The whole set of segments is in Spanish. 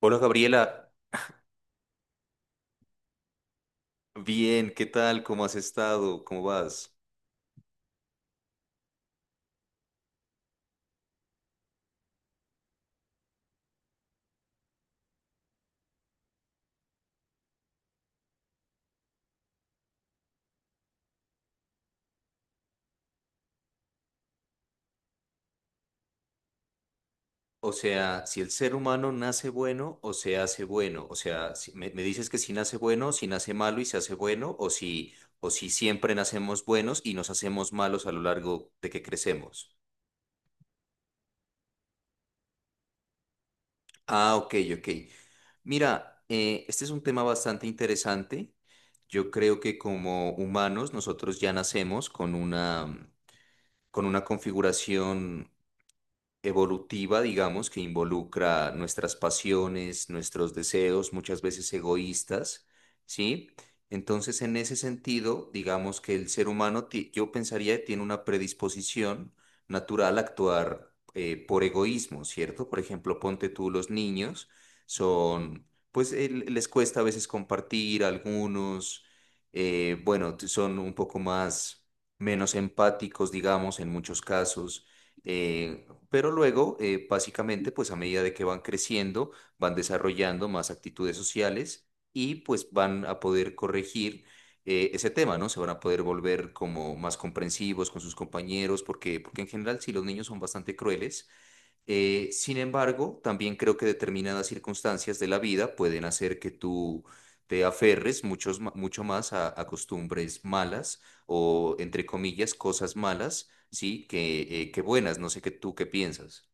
Hola Gabriela, bien, ¿qué tal? ¿Cómo has estado? ¿Cómo vas? O sea, si el ser humano nace bueno o se hace bueno, o sea, me dices que si nace bueno, si nace malo y se hace bueno, o si siempre nacemos buenos y nos hacemos malos a lo largo de que crecemos. Ah, ok, ok. Mira, este es un tema bastante interesante. Yo creo que como humanos nosotros ya con una configuración evolutiva, digamos, que involucra nuestras pasiones, nuestros deseos, muchas veces egoístas, ¿sí? Entonces, en ese sentido, digamos que el ser humano, yo pensaría, que tiene una predisposición natural a actuar por egoísmo, ¿cierto? Por ejemplo, ponte tú, los niños son, pues les cuesta a veces compartir, algunos, bueno, son un poco más, menos empáticos, digamos, en muchos casos. eh, pero luego, básicamente, pues a medida de que van creciendo, van desarrollando más actitudes sociales y pues van a poder corregir ese tema, ¿no? Se van a poder volver como más comprensivos con sus compañeros, porque en general, si los niños son bastante crueles. Sin embargo, también creo que determinadas circunstancias de la vida pueden hacer que tú te aferres mucho más a costumbres malas o, entre comillas, cosas malas, sí, que que buenas. No sé qué tú qué piensas.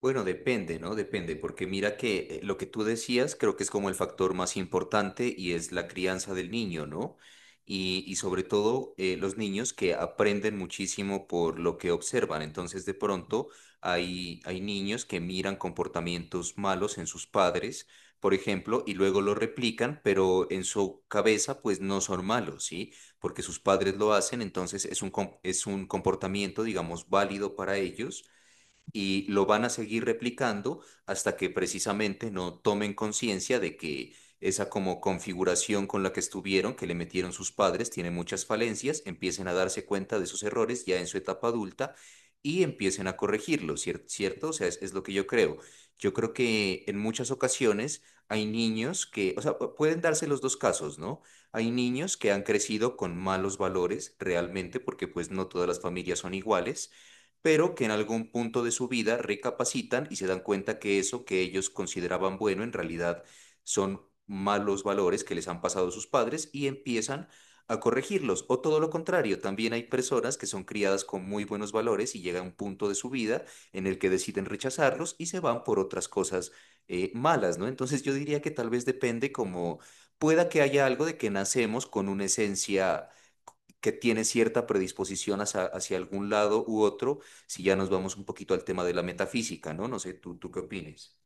Bueno, depende, ¿no? Depende, porque mira que lo que tú decías creo que es como el factor más importante y es la crianza del niño, ¿no? Y sobre todo los niños que aprenden muchísimo por lo que observan. Entonces, de pronto hay niños que miran comportamientos malos en sus padres, por ejemplo, y luego lo replican, pero en su cabeza pues no son malos, ¿sí? Porque sus padres lo hacen, entonces es es un comportamiento, digamos, válido para ellos y lo van a seguir replicando hasta que precisamente no tomen conciencia de que esa como configuración con la que estuvieron, que le metieron sus padres, tiene muchas falencias, empiecen a darse cuenta de sus errores ya en su etapa adulta y empiecen a corregirlo, ¿cierto? O sea, es lo que yo creo. Yo creo que en muchas ocasiones hay niños que, o sea, pueden darse los dos casos, ¿no? Hay niños que han crecido con malos valores realmente porque pues no todas las familias son iguales, pero que en algún punto de su vida recapacitan y se dan cuenta que eso que ellos consideraban bueno en realidad son malos valores que les han pasado sus padres y empiezan a corregirlos. O todo lo contrario, también hay personas que son criadas con muy buenos valores y llega un punto de su vida en el que deciden rechazarlos y se van por otras cosas malas, ¿no? Entonces yo diría que tal vez depende, como, pueda que haya algo de que nacemos con una esencia que tiene cierta predisposición hacia, hacia algún lado u otro, si ya nos vamos un poquito al tema de la metafísica, ¿no? No sé, ¿tú qué opinas?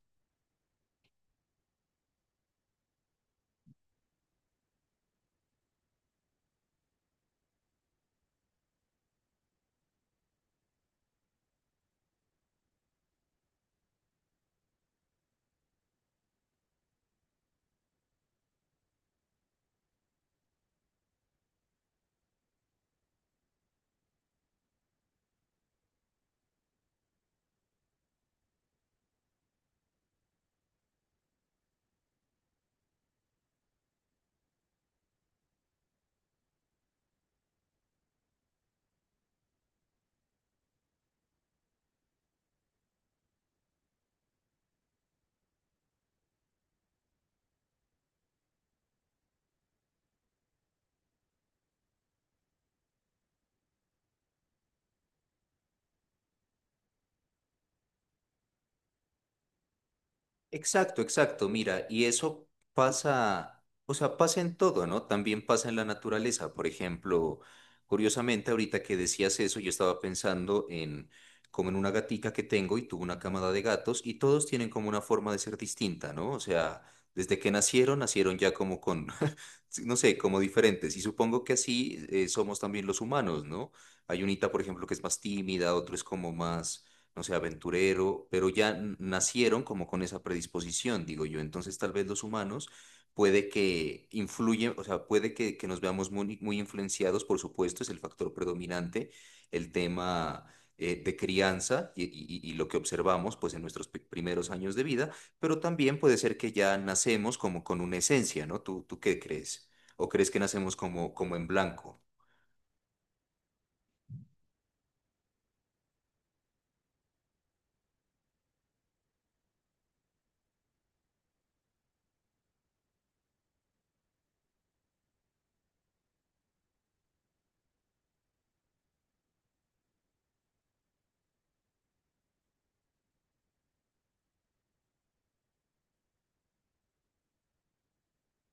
Exacto, exacto, mira, y eso pasa, o sea, pasa en todo, ¿no? También pasa en la naturaleza. Por ejemplo, curiosamente, ahorita que decías eso, yo estaba pensando en como en una gatica que tengo y tuvo una camada de gatos y todos tienen como una forma de ser distinta, ¿no? O sea, desde que nacieron, nacieron ya como con, no sé, como diferentes. Y supongo que así somos también los humanos, ¿no? Hay unita, por ejemplo, que es más tímida, otro es como más, no sé, aventurero, pero ya nacieron como con esa predisposición, digo yo. Entonces, tal vez los humanos puede que influyen, o sea, puede que nos veamos muy influenciados, por supuesto, es el factor predominante, el tema de crianza y lo que observamos, pues, en nuestros primeros años de vida, pero también puede ser que ya nacemos como con una esencia, ¿no? ¿Tú qué crees? ¿O crees que nacemos como, como en blanco?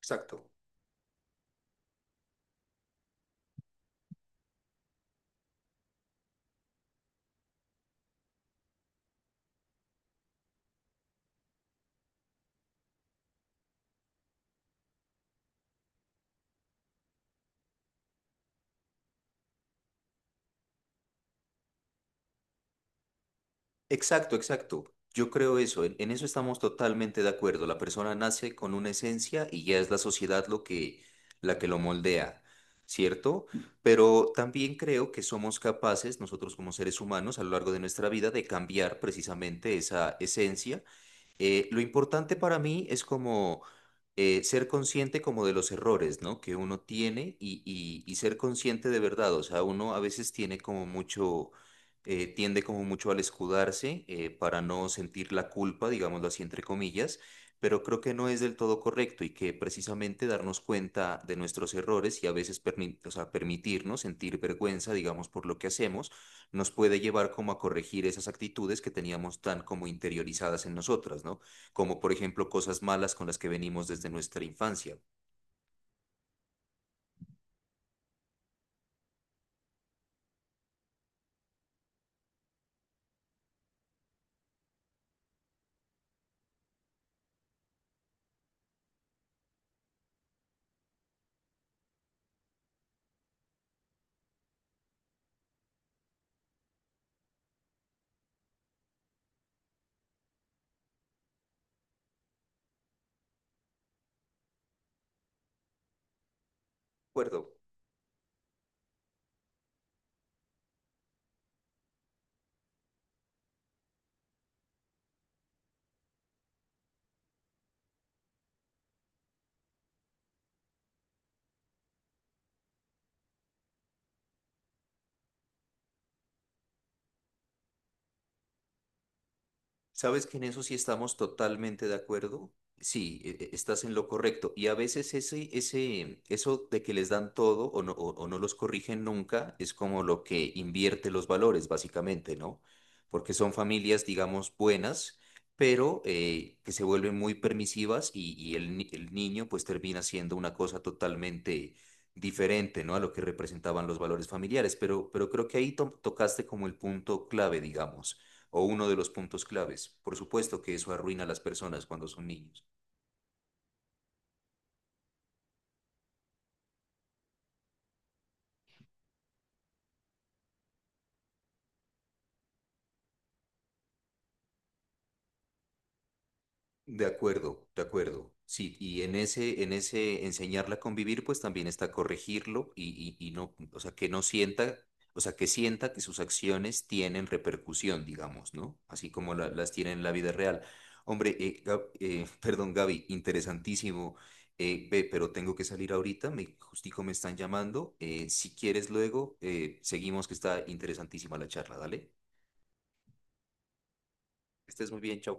Exacto. Exacto, exacto. Yo creo eso, en eso estamos totalmente de acuerdo. La persona nace con una esencia y ya es la sociedad lo que, la que lo moldea, ¿cierto? Pero también creo que somos capaces, nosotros como seres humanos, a lo largo de nuestra vida, de cambiar precisamente esa esencia. Lo importante para mí es como ser consciente como de los errores, ¿no? Que uno tiene y y ser consciente de verdad. O sea, uno a veces tiene como mucho, tiende como mucho al escudarse para no sentir la culpa, digámoslo así, entre comillas, pero creo que no es del todo correcto y que precisamente darnos cuenta de nuestros errores y a veces o sea, permitirnos sentir vergüenza, digamos, por lo que hacemos nos puede llevar como a corregir esas actitudes que teníamos tan como interiorizadas en nosotras, ¿no? Como por ejemplo cosas malas con las que venimos desde nuestra infancia. ¿De acuerdo? Sabes que en eso sí estamos totalmente de acuerdo. Sí, estás en lo correcto. Y a veces eso de que les dan todo o no, o no los corrigen nunca, es como lo que invierte los valores, básicamente, ¿no? Porque son familias, digamos, buenas, pero que se vuelven muy permisivas y el, el niño pues termina siendo una cosa totalmente diferente, ¿no? A lo que representaban los valores familiares. Pero creo que ahí tocaste como el punto clave, digamos, o uno de los puntos claves. Por supuesto que eso arruina a las personas cuando son niños. De acuerdo, de acuerdo. Sí, y en ese enseñarla a convivir, pues también está corregirlo y no, o sea, que no sienta, o sea, que sienta que sus acciones tienen repercusión, digamos, ¿no? Así como las tiene en la vida real. Hombre, perdón, Gaby, interesantísimo. Ve, pero tengo que salir ahorita, me, justico me están llamando. Si quieres luego, seguimos, que está interesantísima la charla, dale. Que estés muy bien, chau.